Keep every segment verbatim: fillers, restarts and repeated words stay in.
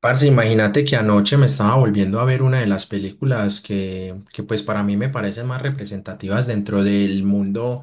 Parce, imagínate que anoche me estaba volviendo a ver una de las películas que, que pues para mí me parecen más representativas dentro del mundo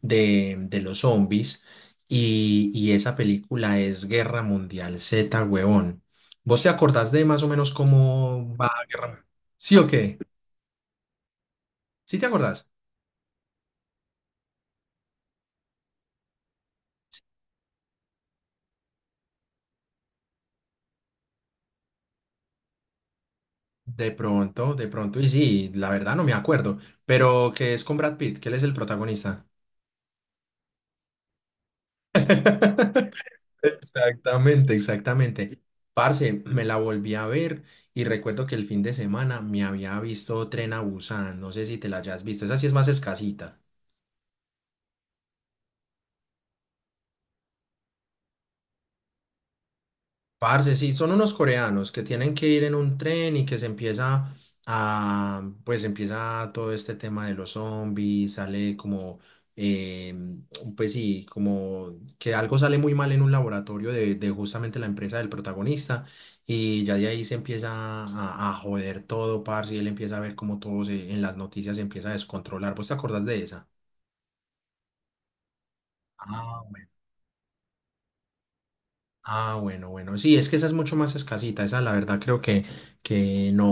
de, de los zombies y, y esa película es Guerra Mundial Z, huevón. ¿Vos te acordás de más o menos cómo va Guerra Mundial? ¿Sí o qué? ¿Sí te acordás? De pronto, de pronto, y sí, la verdad no me acuerdo, pero que es con Brad Pitt, que él es el protagonista. Exactamente, exactamente. Parce, me la volví a ver y recuerdo que el fin de semana me había visto Tren a Busan. No sé si te la hayas visto. Esa sí es más escasita. Parce, sí, son unos coreanos que tienen que ir en un tren y que se empieza a, pues empieza todo este tema de los zombies, sale como, eh, pues sí, como que algo sale muy mal en un laboratorio de, de justamente la empresa del protagonista y ya de ahí se empieza a, a joder todo, parce, y él empieza a ver como todo se- en las noticias se empieza a descontrolar. ¿Vos te acordás de esa? Ah. Ah, bueno, bueno, sí, es que esa es mucho más escasita, esa la verdad creo que, que no,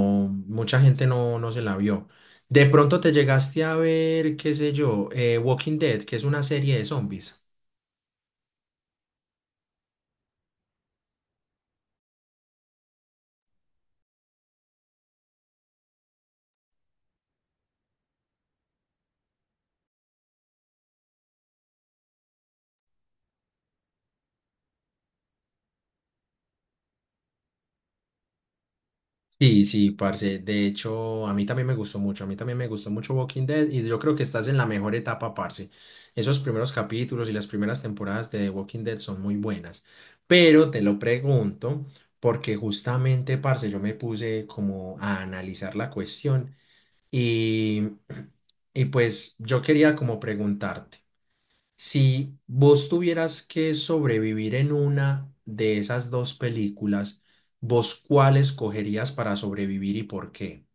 mucha gente no, no se la vio. De pronto te llegaste a ver, qué sé yo, eh, Walking Dead, que es una serie de zombies. Sí, sí, parce, de hecho, a mí también me gustó mucho, a mí también me gustó mucho Walking Dead y yo creo que estás en la mejor etapa, parce. Esos primeros capítulos y las primeras temporadas de Walking Dead son muy buenas, pero te lo pregunto porque justamente, parce, yo me puse como a analizar la cuestión. Y, y pues yo quería como preguntarte, si vos tuvieras que sobrevivir en una de esas dos películas, ¿vos cuál escogerías para sobrevivir y por qué?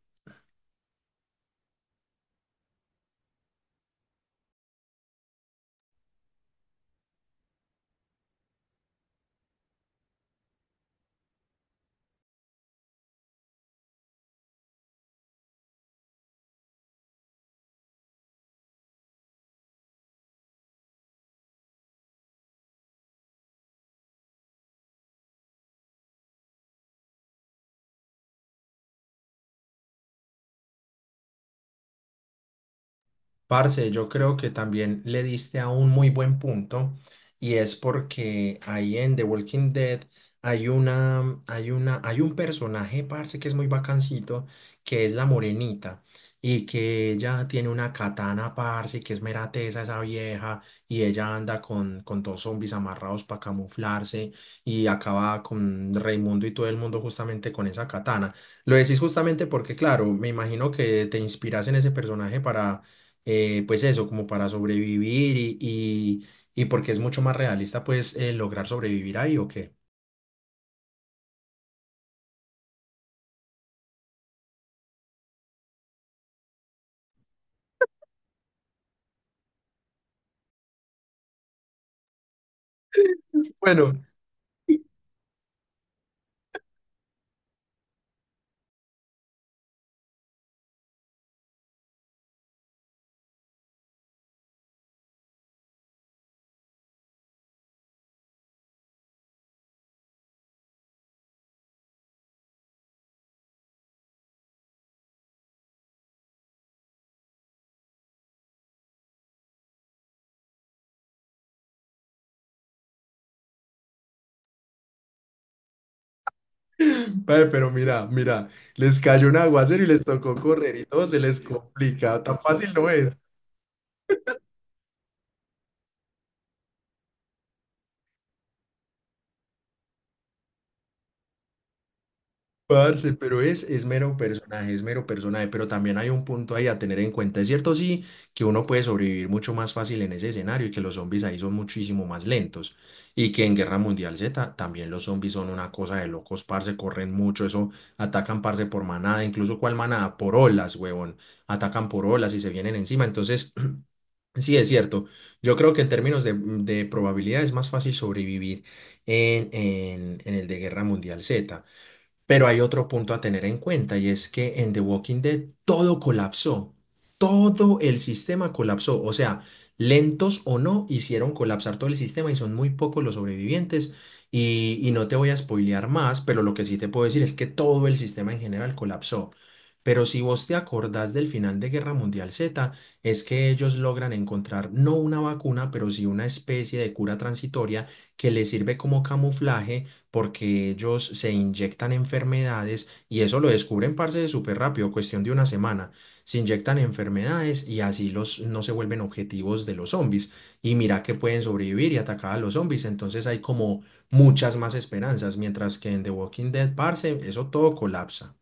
Parce, yo creo que también le diste a un muy buen punto y es porque ahí en The Walking Dead hay una, hay una, hay un personaje, parce, que es muy bacancito, que es la morenita y que ella tiene una katana, parce, y que es mera tesa esa vieja y ella anda con, con dos zombies amarrados para camuflarse y acaba con Raimundo y todo el mundo justamente con esa katana. Lo decís justamente porque, claro, me imagino que te inspiras en ese personaje para eh, pues eso, como para sobrevivir y, y, y porque es mucho más realista, pues eh, lograr sobrevivir ahí o qué. Bueno. Ve, pero mira, mira, les cayó un aguacero y les tocó correr y todo se les complica, tan fácil no es. Parce, pero es, es mero personaje, es mero personaje, pero también hay un punto ahí a tener en cuenta. Es cierto, sí, que uno puede sobrevivir mucho más fácil en ese escenario y que los zombies ahí son muchísimo más lentos y que en Guerra Mundial Z también los zombies son una cosa de locos, parce, corren mucho, eso, atacan, parce, por manada, incluso cuál manada, por olas, huevón, atacan por olas y se vienen encima. Entonces, sí, es cierto, yo creo que en términos de, de probabilidad es más fácil sobrevivir en, en en el de Guerra Mundial Z. Pero hay otro punto a tener en cuenta y es que en The Walking Dead todo colapsó. Todo el sistema colapsó. O sea, lentos o no, hicieron colapsar todo el sistema y son muy pocos los sobrevivientes. Y, y no te voy a spoilear más, pero lo que sí te puedo decir es que todo el sistema en general colapsó. Pero si vos te acordás del final de Guerra Mundial Z, es que ellos logran encontrar no una vacuna, pero sí una especie de cura transitoria que les sirve como camuflaje porque ellos se inyectan enfermedades y eso lo descubren, parce, de súper rápido, cuestión de una semana. Se inyectan enfermedades y así los no se vuelven objetivos de los zombies. Y mira que pueden sobrevivir y atacar a los zombies, entonces hay como muchas más esperanzas, mientras que en The Walking Dead, parce, eso todo colapsa.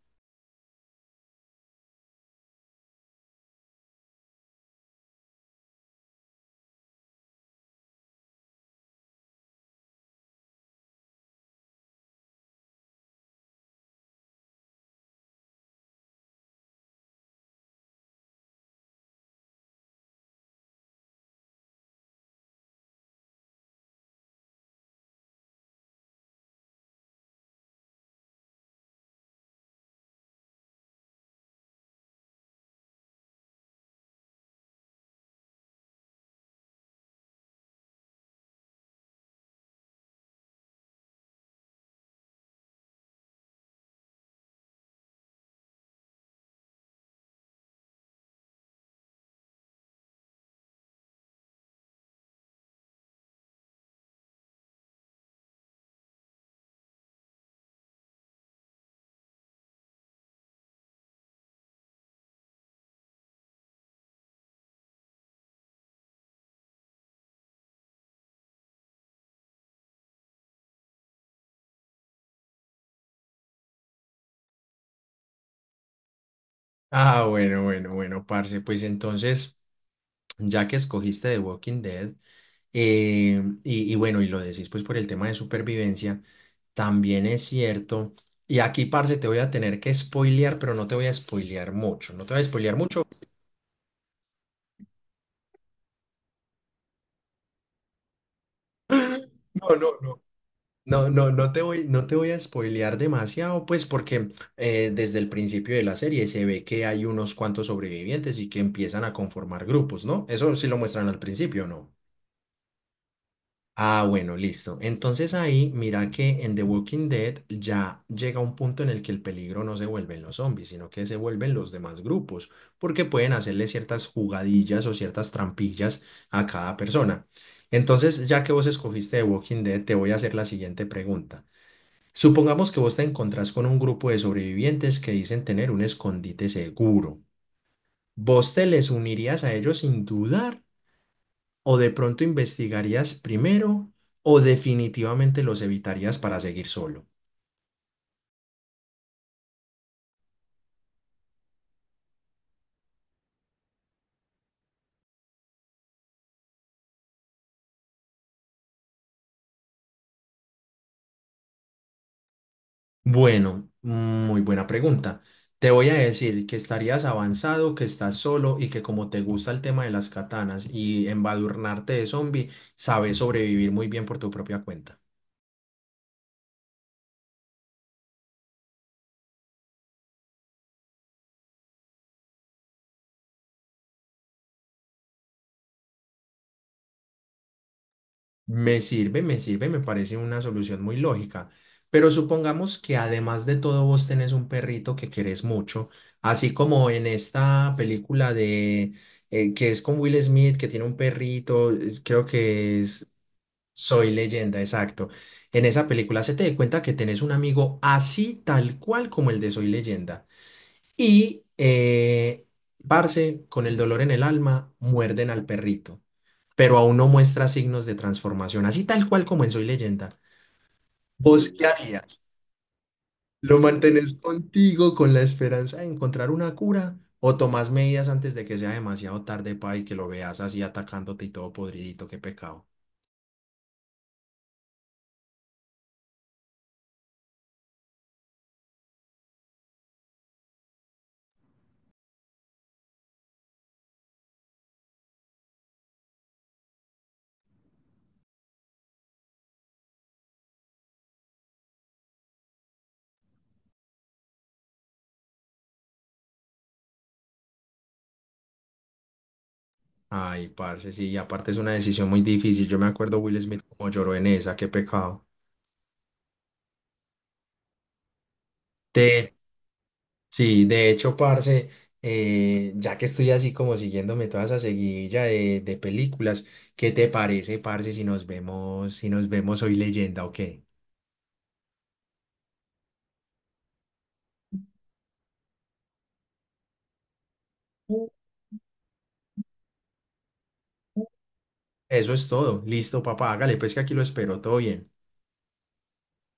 Ah, bueno, bueno, bueno, parce, pues entonces ya que escogiste The Walking Dead, eh, y, y bueno, y lo decís pues por el tema de supervivencia, también es cierto, y aquí, parce, te voy a tener que spoilear, pero no te voy a spoilear mucho, no te voy a spoilear mucho, no, no, no. No, no, no te voy, no te voy a spoilear demasiado, pues porque eh, desde el principio de la serie se ve que hay unos cuantos sobrevivientes y que empiezan a conformar grupos, ¿no? Eso sí lo muestran al principio, ¿no? Ah, bueno, listo. Entonces ahí, mira que en The Walking Dead ya llega un punto en el que el peligro no se vuelven los zombies, sino que se vuelven los demás grupos, porque pueden hacerle ciertas jugadillas o ciertas trampillas a cada persona. Entonces, ya que vos escogiste The Walking Dead, te voy a hacer la siguiente pregunta. Supongamos que vos te encontrás con un grupo de sobrevivientes que dicen tener un escondite seguro. ¿Vos te les unirías a ellos sin dudar? ¿O de pronto investigarías primero o definitivamente los evitarías para seguir solo? Bueno, muy buena pregunta. Te voy a decir que estarías avanzado, que estás solo y que como te gusta el tema de las katanas y embadurnarte de zombie, sabes sobrevivir muy bien por tu propia cuenta. Me sirve, me sirve, me parece una solución muy lógica. Pero supongamos que además de todo vos tenés un perrito que querés mucho, así como en esta película de eh, que es con Will Smith, que tiene un perrito, eh, creo que es Soy Leyenda, exacto. En esa película se te dé cuenta que tenés un amigo así tal cual como el de Soy Leyenda. Y, eh, parce, con el dolor en el alma, muerden al perrito pero aún no muestra signos de transformación, así tal cual como en Soy Leyenda. ¿Vos qué harías? ¿Lo mantenés contigo con la esperanza de encontrar una cura? ¿O tomás medidas antes de que sea demasiado tarde, pa, y que lo veas así atacándote y todo podridito? ¡Qué pecado! Ay, parce, sí, y aparte es una decisión muy difícil. Yo me acuerdo Will Smith como lloró en esa, qué pecado. De Sí, de hecho, parce, eh, ya que estoy así como siguiéndome toda esa seguidilla de, de películas, ¿qué te parece, parce, si nos vemos, si nos vemos hoy leyenda o qué? Eso es todo. Listo, papá, hágale, pues que aquí lo espero, todo bien.